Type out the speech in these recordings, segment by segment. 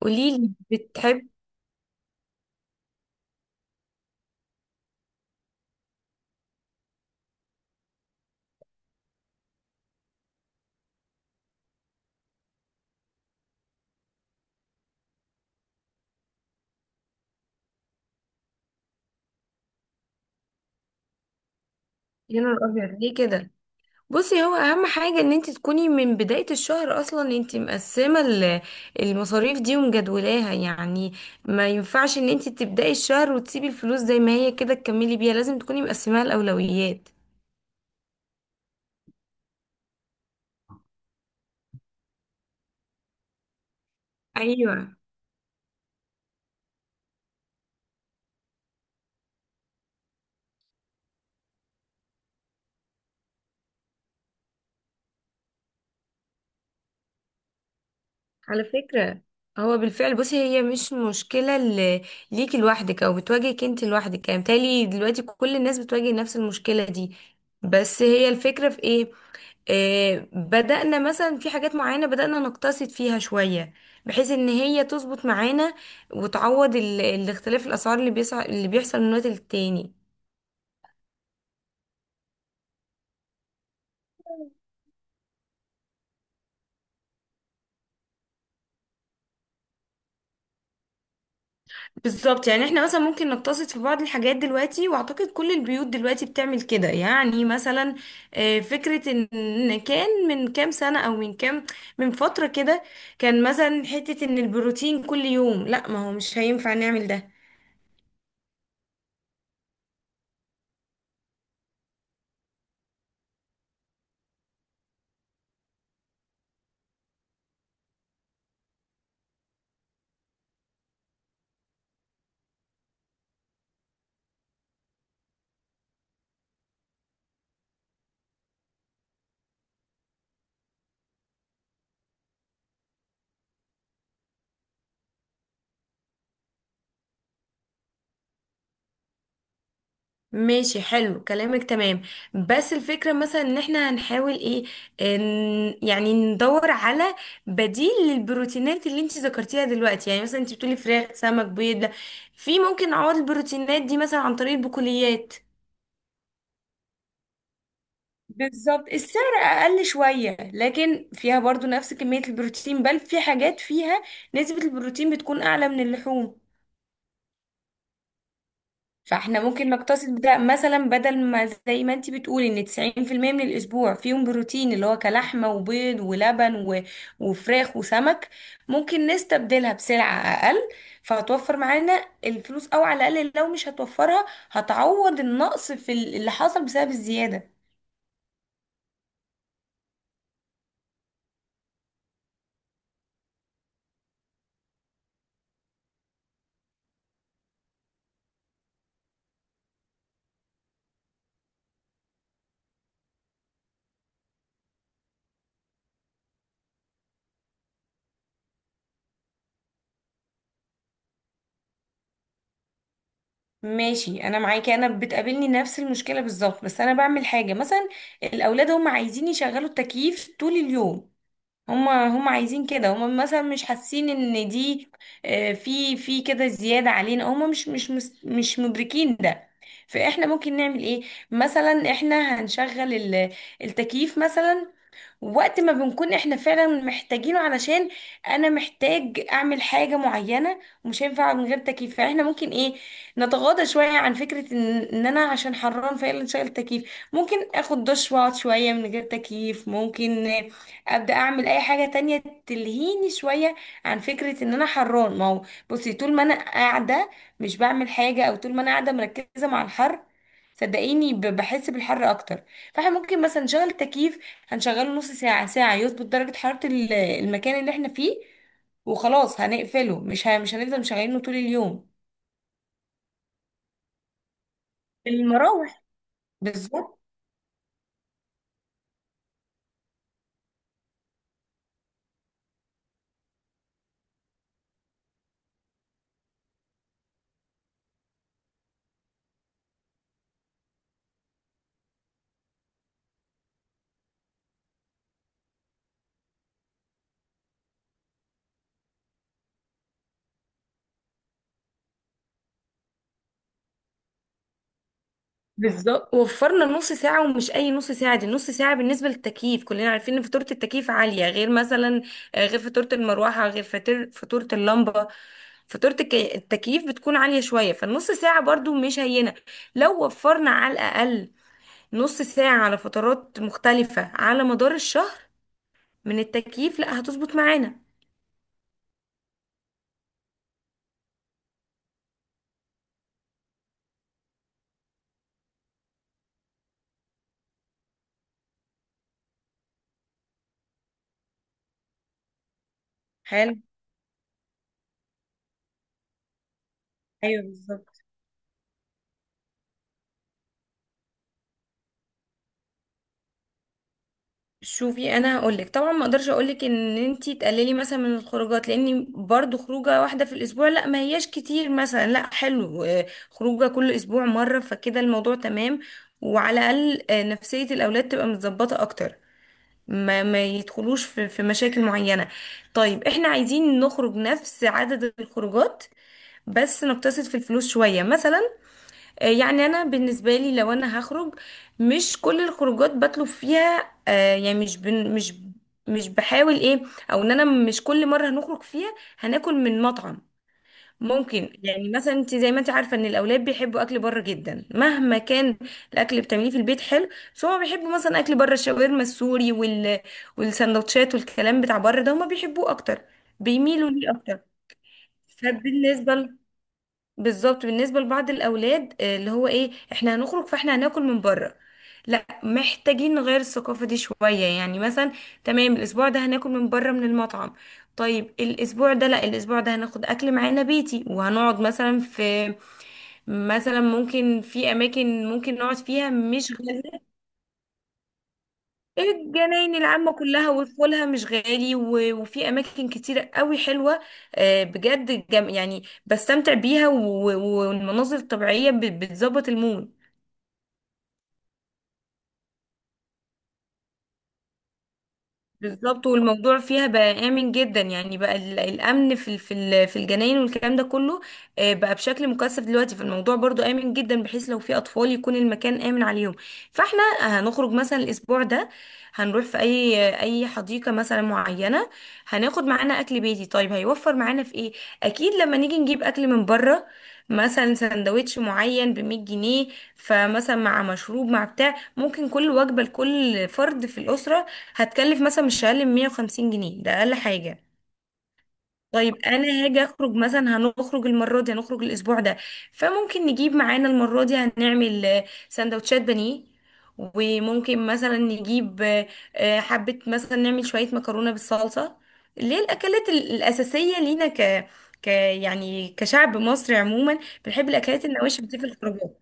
قوليلي بتحبي. اللون الابيض ليه كده؟ بصي، هو اهم حاجه ان انت تكوني من بدايه الشهر اصلا انت مقسمه المصاريف دي ومجدولاها يعني. ما ينفعش ان انت تبداي الشهر وتسيبي الفلوس زي ما هي كده تكملي بيها، لازم تكوني مقسماها الاولويات. ايوه. على فكره، هو بالفعل، بصي، هي مش مشكله ليكي لوحدك او بتواجهك انت لوحدك يعني، بالتالي دلوقتي كل الناس بتواجه نفس المشكله دي. بس هي الفكرة في ايه، بدأنا مثلا في حاجات معينة بدأنا نقتصد فيها شوية بحيث ان هي تظبط معانا وتعوض الاختلاف الاسعار اللي اللي بيحصل من وقت للتاني. بالظبط، يعني احنا مثلا ممكن نقتصد في بعض الحاجات دلوقتي، واعتقد كل البيوت دلوقتي بتعمل كده. يعني مثلا فكرة ان كان من كام سنة او من كام، من فترة كده، كان مثلا حتة ان البروتين كل يوم، لا ما هو مش هينفع نعمل ده. ماشي، حلو كلامك، تمام. بس الفكرة مثلا ان احنا هنحاول ايه، ان يعني ندور على بديل للبروتينات اللي انت ذكرتيها دلوقتي. يعني مثلا انت بتقولي فراخ سمك بيض، لا. في ممكن نعوض البروتينات دي مثلا عن طريق البقوليات. بالظبط، السعر اقل شويه لكن فيها برضو نفس كميه البروتين، بل في حاجات فيها نسبه البروتين بتكون اعلى من اللحوم. فاحنا ممكن نقتصد ده مثلا، بدل ما زي ما انت بتقولي ان 90% من الاسبوع فيهم بروتين اللي هو كلحمه وبيض ولبن وفراخ وسمك، ممكن نستبدلها بسلعه اقل، فهتوفر معانا الفلوس، او على الاقل لو مش هتوفرها هتعوض النقص في اللي حصل بسبب الزياده. ماشي، انا معاكي، انا بتقابلني نفس المشكله بالظبط، بس انا بعمل حاجه مثلا. الاولاد هم عايزين يشغلوا التكييف طول اليوم، هما عايزين كده، هما مثلا مش حاسين ان دي في كده زيادة علينا، هما مش مدركين ده. فاحنا ممكن نعمل ايه، مثلا احنا هنشغل التكييف مثلا وقت ما بنكون احنا فعلا محتاجينه، علشان انا محتاج اعمل حاجة معينة ومش هينفع من غير تكييف. فاحنا ممكن ايه، نتغاضى شوية عن فكرة إن انا عشان حران فعلا شايل تكييف. ممكن اخد دش واقعد شوية من غير تكييف، ممكن ابدأ اعمل اي حاجة تانية تلهيني شوية عن فكرة ان انا حران. ما هو بصي، طول ما انا قاعدة مش بعمل حاجة، او طول ما انا قاعدة مركزة مع الحر، صدقيني بحس بالحر اكتر. فاحنا ممكن مثلا نشغل تكييف، هنشغله نص ساعة ساعة يظبط درجة حرارة المكان اللي احنا فيه وخلاص هنقفله، مش هنفضل مشغلينه طول اليوم. المراوح، بالظبط. بالظبط، وفرنا نص ساعة، ومش أي نص ساعة، دي نص ساعة بالنسبة للتكييف. كلنا عارفين إن فاتورة التكييف عالية، غير مثلا غير فاتورة المروحة، غير فاتورة اللمبة. فاتورة التكييف بتكون عالية شوية، فالنص ساعة برضو مش هينة. لو وفرنا على الأقل نص ساعة على فترات مختلفة على مدار الشهر من التكييف، لا هتظبط معانا. حلو. ايوه بالظبط. شوفي، انا هقولك طبعا ما اقدرش اقولك ان انتي تقللي مثلا من الخروجات، لان برضو خروجه واحده في الاسبوع لا ما هياش كتير. مثلا لا، حلو، خروجه كل اسبوع مره، فكده الموضوع تمام، وعلى الاقل نفسيه الاولاد تبقى متظبطه اكتر، ما يدخلوش في مشاكل معينه. طيب احنا عايزين نخرج نفس عدد الخروجات بس نقتصد في الفلوس شويه. مثلا يعني انا بالنسبه لي لو انا هخرج، مش كل الخروجات بطلب فيها يعني مش بن مش مش بحاول ايه، او ان انا مش كل مره هنخرج فيها هناكل من مطعم. ممكن يعني مثلا انت زي ما انت عارفه ان الاولاد بيحبوا اكل بره جدا، مهما كان الاكل بتعمليه في البيت حلو، بس هما بيحبوا مثلا اكل بره الشاورما السوري والسندوتشات والكلام بتاع بره ده هما بيحبوه اكتر، بيميلوا ليه اكتر. فبالنسبه بالظبط، بالنسبة لبعض الأولاد اللي هو إيه، إحنا هنخرج فإحنا هناكل من بره، لا محتاجين نغير الثقافة دي شوية. يعني مثلا تمام، الأسبوع ده هناكل من بره من المطعم، طيب الأسبوع ده لا، الأسبوع ده هناخد أكل معانا بيتي وهنقعد مثلا في، مثلا ممكن في أماكن ممكن نقعد فيها مش غالية. إيه، الجناين العامة كلها ودخولها مش غالي، وفي أماكن كتيرة قوي حلوة، بجد جم يعني بستمتع بيها، والمناظر الطبيعية بتظبط المود. بالظبط، والموضوع فيها بقى آمن جدا يعني، بقى الأمن في في الجناين والكلام ده كله بقى بشكل مكثف دلوقتي، فالموضوع برضو آمن جدا بحيث لو في أطفال يكون المكان آمن عليهم. فاحنا هنخرج مثلا الأسبوع ده، هنروح في أي حديقة مثلا معينة، هناخد معانا أكل بيتي. طيب هيوفر معانا في إيه؟ أكيد لما نيجي نجيب أكل من بره مثلا سندوتش معين ب 100 جنيه، فمثلا مع مشروب مع بتاع، ممكن كل وجبة لكل فرد في الأسرة هتكلف مثلا مش اقل من 150 جنيه، ده اقل حاجه. طيب انا هاجي اخرج مثلا، هنخرج المره دي، هنخرج الاسبوع ده فممكن نجيب معانا المره دي، هنعمل سندوتشات بانيه، وممكن مثلا نجيب حبه، مثلا نعمل شويه مكرونه بالصلصه، اللي هي الاكلات الاساسيه لينا ك ك يعني كشعب مصري عموما بنحب الاكلات النواشف دي في الخروجات.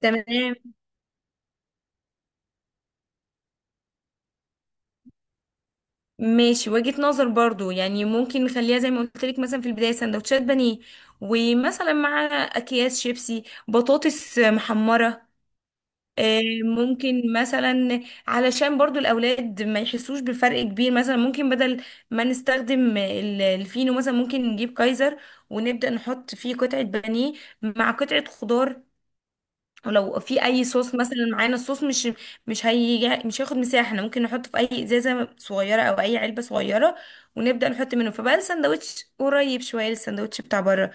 تمام، ماشي، وجهة نظر برضو. يعني ممكن نخليها زي ما قلت لك مثلا في البداية، سندوتشات بانيه ومثلا مع أكياس شيبسي بطاطس محمرة. ممكن مثلا علشان برضو الأولاد ما يحسوش بفرق كبير، مثلا ممكن بدل ما نستخدم الفينو مثلا ممكن نجيب كايزر، ونبدأ نحط فيه قطعة بانيه مع قطعة خضار، ولو في اي صوص مثلا معانا الصوص مش مش هيجي، مش هياخد مساحه، احنا ممكن نحطه في اي ازازه صغيره او اي علبه صغيره ونبدا نحط منه، فبقى الساندوتش قريب شويه للساندوتش بتاع بره.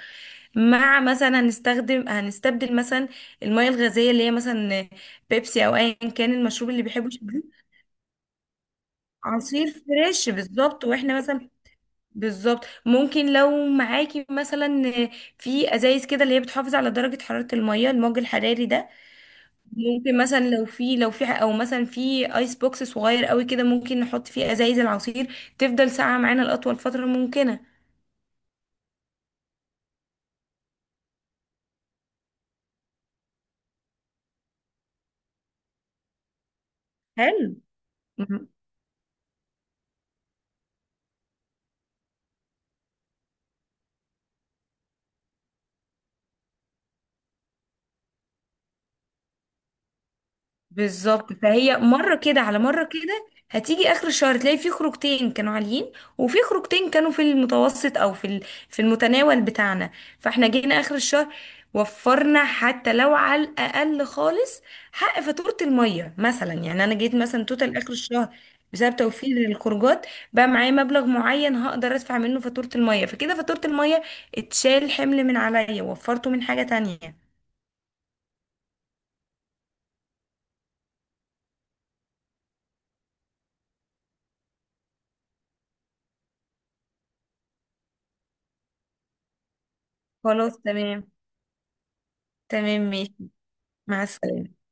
مع مثلا هنستخدم، هنستبدل مثلا الميه الغازيه اللي هي مثلا بيبسي او ايا كان المشروب اللي بيحبه شبه عصير فريش، بالظبط، واحنا مثلا، بالظبط، ممكن لو معاكي مثلا في ازايز كده اللي هي بتحافظ على درجه حراره الميه، الموج الحراري ده، ممكن مثلا لو في لو في او مثلا في ايس بوكس صغير قوي كده، ممكن نحط فيه ازايز العصير تفضل ساقعه معانا لاطول فتره ممكنه. حلو، بالظبط. فهي مرة كده على مرة كده هتيجي آخر الشهر تلاقي في خروجتين كانوا عاليين وفي خروجتين كانوا في المتوسط أو في في المتناول بتاعنا. فاحنا جينا آخر الشهر، وفرنا حتى لو على الأقل خالص حق فاتورة المية مثلا. يعني أنا جيت مثلا توتال آخر الشهر بسبب توفير الخروجات بقى معايا مبلغ معين، هقدر أدفع منه فاتورة المية، فكده فاتورة المية اتشال حمل من عليا، وفرته من حاجة تانية. خلاص تمام. تمام، ماشي، مع السلامة.